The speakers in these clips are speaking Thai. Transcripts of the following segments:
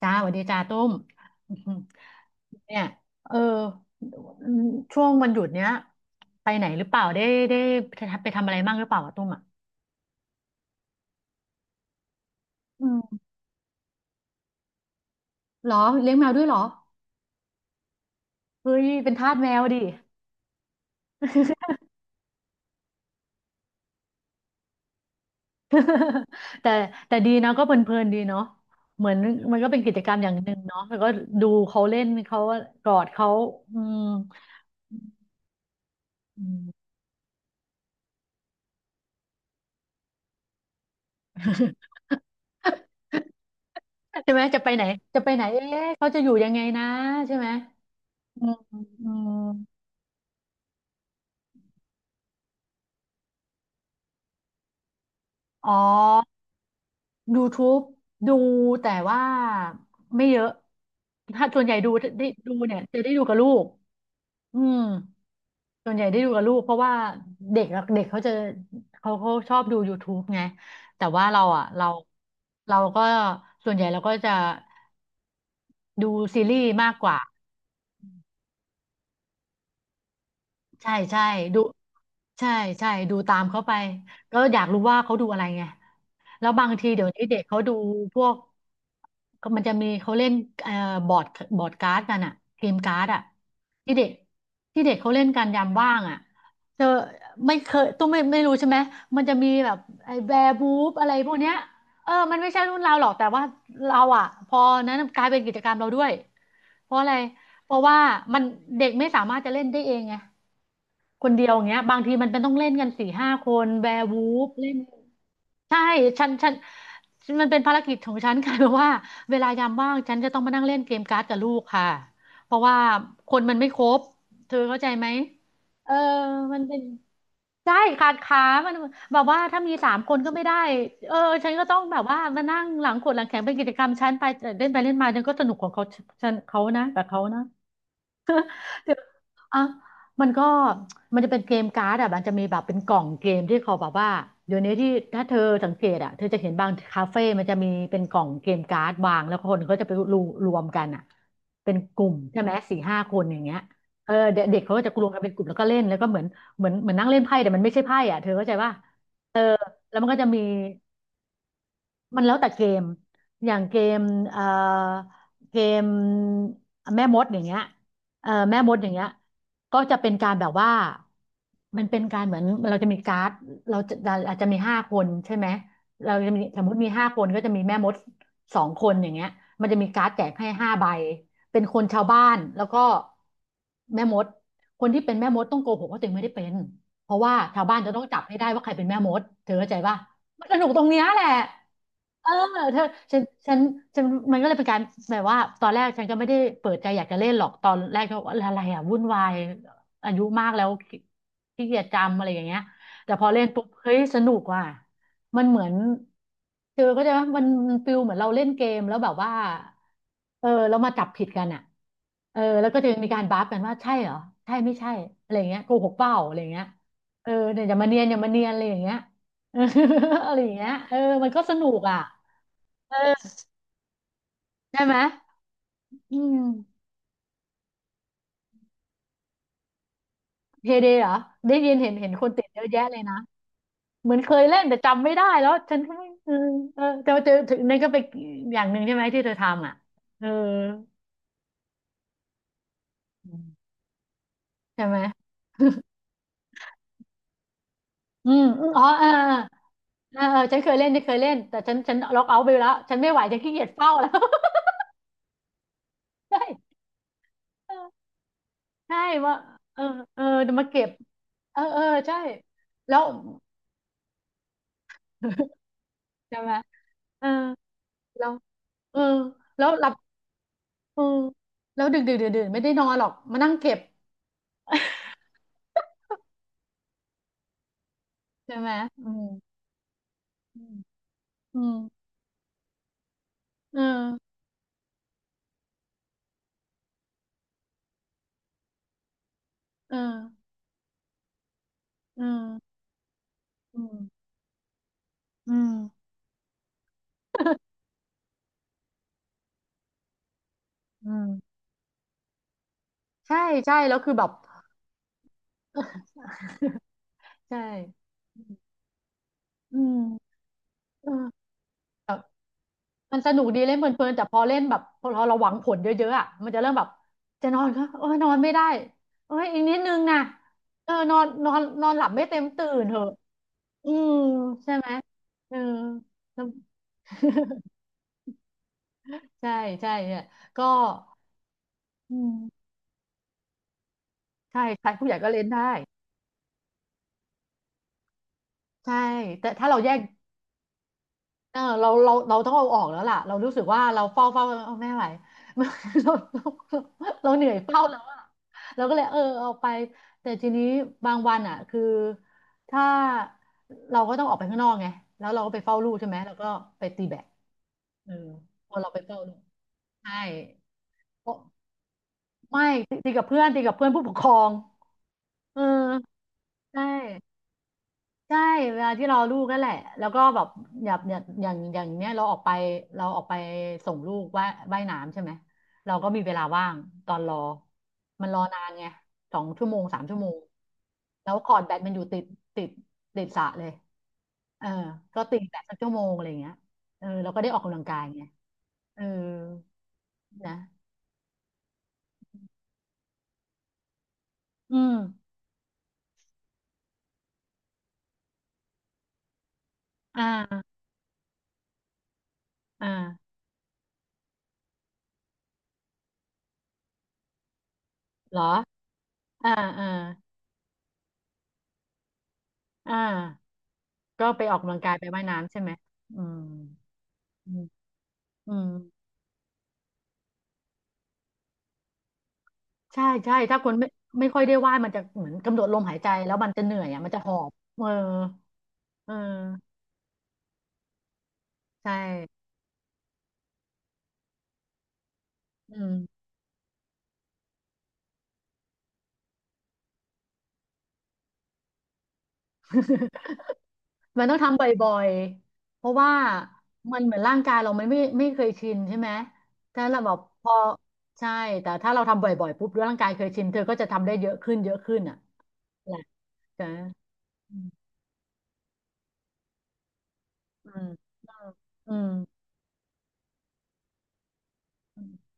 จ้าสวัสดีจ้าตุ้ม เนี่ยเออช่วงวันหยุดเนี้ยไปไหนหรือเปล่าได้ได้ไปทำอะไรบ้างหรือเปล่าอะตุ้มอ่ะอืมเหรอเลี้ยงแมวด้วยเหรอเฮ้ยเป็นทาสแมวดิ แต่แต่ดีนะก็เพลินๆดีเนาะเหมือนมันก็เป็นกิจกรรมอย่างหนึ่งเนาะแล้วก็ดูเขาเล่นเขากอดเขาอืม อืมใช่ไหมจะไปไหนจะไปไหนเอ๊ะเขาจะอยู่ยังไงนะใช่ไหมอืมอืม อ๋อ YouTube ดูแต่ว่าไม่เยอะถ้าส่วนใหญ่ดูได้ดูเนี่ยจะได้ดูกับลูกอืมส่วนใหญ่ได้ดูกับลูกเพราะว่าเด็กอะเด็กเขาจะเขาชอบดู YouTube ไงแต่ว่าเราอ่ะเราเราก็ส่วนใหญ่เราก็จะดูซีรีส์มากกว่า ใช่ใช่ดูใช่ใช่ดูตามเขาไปก็อยากรู้ว่าเขาดูอะไรไงแล้วบางทีเดี๋ยวนี้เด็กเขาดูพวกก็มันจะมีเขาเล่นเอ่อบอร์ดบอร์ดการ์ดกันอะเกมการ์ดอะที่เด็กที่เด็กเขาเล่นกันยามว่างอะเธอไม่เคยต้องไม่รู้ใช่ไหมมันจะมีแบบไอ้แบร์บูฟอะไรพวกเนี้ยเออมันไม่ใช่รุ่นเราหรอกแต่ว่าเราอะพอนั้นกลายเป็นกิจกรรมเราด้วยเพราะอะไรเพราะว่ามันเด็กไม่สามารถจะเล่นได้เองไง คนเดียวอย่างเงี้ยบางทีมันเป็นต้องเล่นกันสี่ห้าคนแวร์วูฟเล่นใช่ฉันมันเป็นภารกิจของฉันค่ะ เพราะว่าเวลายามว่างฉันจะต้องมานั่งเล่นเกมการ์ดกับลูกค่ะเพราะว่าคนมันไม่ครบเธอเข้าใจไหมเออมันเป็นใช่ขาดขามันแบบว่าถ้ามีสามคนก็ไม่ได้เออฉันก็ต้องแบบว่ามานั่งหลังขดหลังแข็งเป็นกิจกรรมฉันไปเล่นไปเล่นมาฉันก็สนุกของเขาฉันเขานะกับเขานะ เดี๋ยวอ่ะมันก็มันจะเป็นเกมการ์ดอ่ะมันจะมีแบบเป็นกล่องเกมที่เขาแบบว่าเดี๋ยวนี้ที่ถ้าเธอสังเกตอ่ะเธอจะเห็นบางคาเฟ่มันจะมีเป็นกล่องเกมการ์ดวางแล้วคนก็จะไปรวมกันอ่ะเป็นกลุ่มใช่ไหมสี่ห้าคนอย่างเงี้ยเออเด็กเด็กเขาก็จะรวมกันเป็นกลุ่มแล้วก็เล่นแล้วก็เหมือนเหมือนนั่งเล่นไพ่แต่มันไม่ใช่ไพ่อ่ะเธอเข้าใจป่ะเออแล้วมันก็จะมี มันแล้วแต่เกมอย่างเกมเอ่อเกมแม่มดอย่างเงี้ยแม่มดอย่างเงี้ยก็จะเป็นการแบบว่ามันเป็นการเหมือนเราจะมีการ์ดเราจะอาจจะมีห้าคนใช่ไหมเราจะมีสมมติมีห้าคนก็จะมีแม่มดสองคนอย่างเงี้ยมันจะมีการ์ดแจกให้ห้าใบเป็นคนชาวบ้านแล้วก็แม่มดคนที่เป็นแม่มดต้องโกหกว่าตัวเองไม่ได้เป็นเพราะว่าชาวบ้านจะต้องจับให้ได้ว่าใครเป็นแม่มดเธอเข้าใจป่ะ มันสนุกตรงเนี้ยแหละเออเธอฉันฉันฉันมันก็เลยเป็นการแบบว่าตอนแรกฉันก็ไม่ได้เปิดใจอยากจะเล่นหรอก ตอนแรกก็ว่าอะไรอ่ะวุ่นวายอายุมากแล้วขี้ขีเกียจจำอะไรอย่างเงี้ยแต่พอเล่นปุ๊บเฮ้ยสนุกว่ะมันเหมือนเธอเข้าใจไหมมันฟิลเหมือนเราเล่นเกมแล้วแบบว่า เออแล้วมาจับผิดกันอ่ะเออแล้วก็จะมีการบัฟกันว่าใช่เหรอใช่ไม่ใช่อะไรอย่างเงี้ยโกหกเปล่าอะไรอย่างเงี้ยเออเนี่ยอย่ามาเนียนอย่ามาเนียนอะไรอย่างเงี้ย เอออะไรอย่างเงี้ยเออมันก็สนุกอ่ะเออใช่ไหมอืมเฮเดเหรอได้ยินเห็นเห็นคนติดเยอะแยะเลยนะเหมือนเคยเล่นแต่จำไม่ได้แล้วฉันก็ไม่เออแต่ว่าเจอถึงนั่นก็เป็นอย่างหนึ่งใช่ไหมที่เธอทำอ่ะเออใช่ไหมอืมอมอ๋อเออ เออเออฉันเคยเล่นฉันเคยเล่นแต่ฉันล็อกเอาท์ไปแล้วฉันไม่ไหวฉันขี้เกียจเฝ้าแล้ว ใช่เออใช่ว่าเออเออเดี๋ยวมาเก็บเออเออใช่แล้ว ใช่ไหมเออแล้วเออแล้วหลับเออแล้วดึกดึกดื่นดื่นไม่ได้นอนหรอกมานั่งเก็บใช่ไหมอืมอืมอืมเออเออเอืมอืมอืมอืมใช่ใช่แล้วคือแบบ ใช่อืมเออ มันสนุกดีเล่นเพลินๆแต่พอเล่นแบบพอเราหวังผลเยอะๆอ่ะมันจะเริ่มแบบจะนอนก็โอ้ยนอนไม่ได้โอ้ยอีกนิดนึงนะเออนอนนอนนอนหลับไม่เต็มตื่นเถอะอืมใช่ไหมเออ แล้ว ใช่ใช่เนี่ยก็อืมใช่ใครผู้ใหญ่ก็เล่นได้ใช่แต่ถ้าเราแยก เออเราต้องเอาออกแล้วล่ะเรารู้สึกว่าเราเฝ้าเอาไม่ไหว เราเราเราเหนื่อยเฝ้าแล้วอ่ะเราก็เลยเออเอาไปแต่ทีนี้บางวันอ่ะคือถ้าเราก็ต้องออกไปข้างนอกไงแล้วเราก็ไปเฝ้าลูกใช่ไหมเราก็ไปตีแบดเออพอเราไปเฝ้าลูกใช่เพราะไม่ตีกับเพื่อนตีกับเพื่อนผู้ปกครองเออใช่ ใช่เวลาที่เรอลูกนั่นแหละแล้วก็แบบอย่างเนี้ยเราออกไปส่งลูกว่ายน้ำใช่ไหมเราก็มีเวลาว่างตอนรอมันรอนานไง2 ชั่วโมง3 ชั่วโมงแล้วคอร์ตแบดมันอยู่ติดติดติดสระเลยเออก็ตีแบดสักชั่วโมงอะไรอย่างเงี้ยเออเราก็ได้ออกกำลังกายไงเออนะอืมอ่าอ่าเหรออ่าอ่าอ่าก็ไปออกกำลังกายไปว่ายน้ำใช่ไหมอืมอืม อืมใช่ใช่ถ้าคนไม่ค่อยได้ว่ายมันจะเหมือนกำหนดลมหายใจแล้วมันจะเหนื่อยอ่ะมันจะหอบเออเออใช่อืม มันต้องทำบ่อยๆเพราะว่ามันเหมือนร่างกายเรามันไม่เคยชินใช่ไหมถ้าเราแบอกพอใช่แต่ถ้าเราทำบ่อยๆปุ๊บร่างกายเคยชินเธอก็จะทำได้เยอะขึ้นเยอะขึ้นอ่ะแหละจ้ะอืมอืมอืมอืม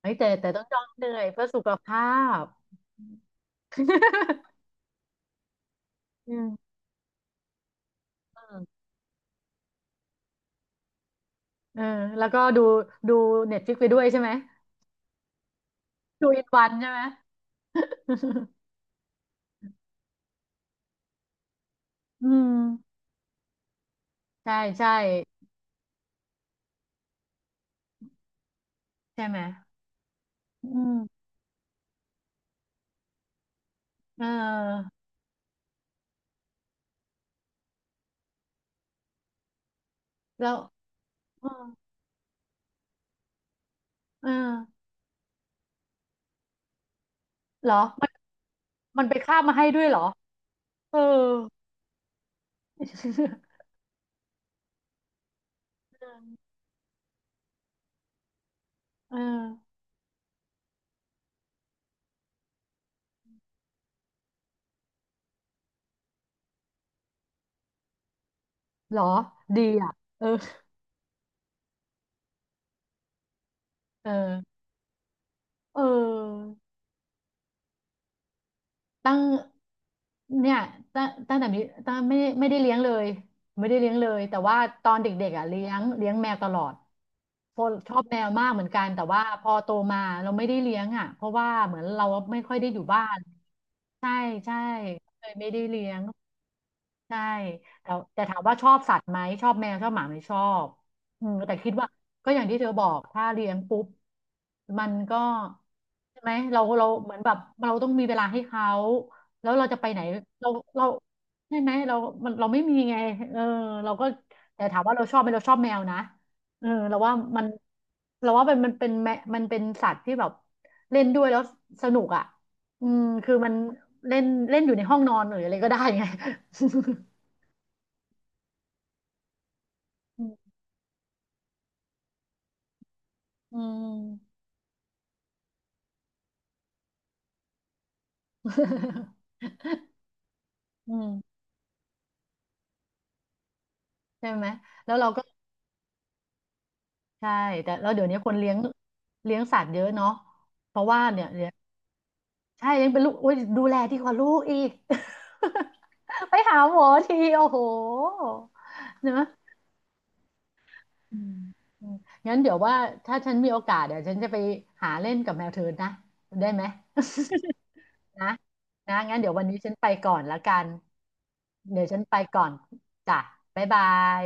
เฮ้ยแต่แต่ต้องยอมเหนื่อยเพื่อสุขภาพ อืม เออแล้วก็ดูดูเน็ตฟิกไปด้วยใช่ไหมดูอินวันใช่ไหม อืมใช่ใช่ใช่ไหมอืมเออแล้วเออเออเหรอมันมันไปคาบมาให้ด้วยเหรอเออ เออเหรอดีอ่ะเออเออเออ ตั้งเนี่ยตั้งแต่มีตั้งไม่ได้เลี้ยงเลยไม่ได้เลี้ยงเลยแต่ว่าตอนเด็กๆอ่ะเลี้ยงแมวตลอดเพราะชอบแมวมากเหมือนกันแต่ว่าพอโตมาเราไม่ได้เลี้ยงอ่ะเพราะว่าเหมือนเราไม่ค่อยได้อยู่บ้านใช่ใช่เลยไม่ได้เลี้ยง ใช่แต่แต่ถามว่าชอบสัตว์ไหมชอบแมวชอบหมาไหมชอบอืมแต่คิดว่าก็อย่างที่เธอบอกถ้าเลี้ยงปุ๊บมันก็ใช่ไหมเราเหมือนแบบเราต้องมีเวลาให้เขาแล้วเราจะไปไหนเราเราใช่ไหมเรามันเราไม่มีไงเออเราก็แต่ถามว่าเราชอบไหมเราชอบแมวนะเออเราว่ามันมันเป็นแมมันเป็นสัตว์ที่แบบเล่นด้วยแล้วสนุกอ่ะอืมคือมัน เล่นเล่นอยู่ในห้องนอนหรืออะไรก็ได้ไงอืมอืมอืมใช่ไหม แล้วเราก็ใช่แต่แล้วเดี๋ยวนี้คนเลี้ยงสัตว์เยอะเนาะเพราะว่าเนี่ยใช่เลี้ยงเป็นลูกโอ้ยดูแลดีกว่าลูกอีก ไปหาหมอทีโอ้โหเนอะอืมงั้นเดี๋ยวว่าถ้าฉันมีโอกาสเดี๋ยวฉันจะไปหาเล่นกับแมวเทินนะได้ไหม นะนะงั้นเดี๋ยววันนี้ฉันไปก่อนละกันเดี๋ยวฉันไปก่อนจ้ะบ๊ายบาย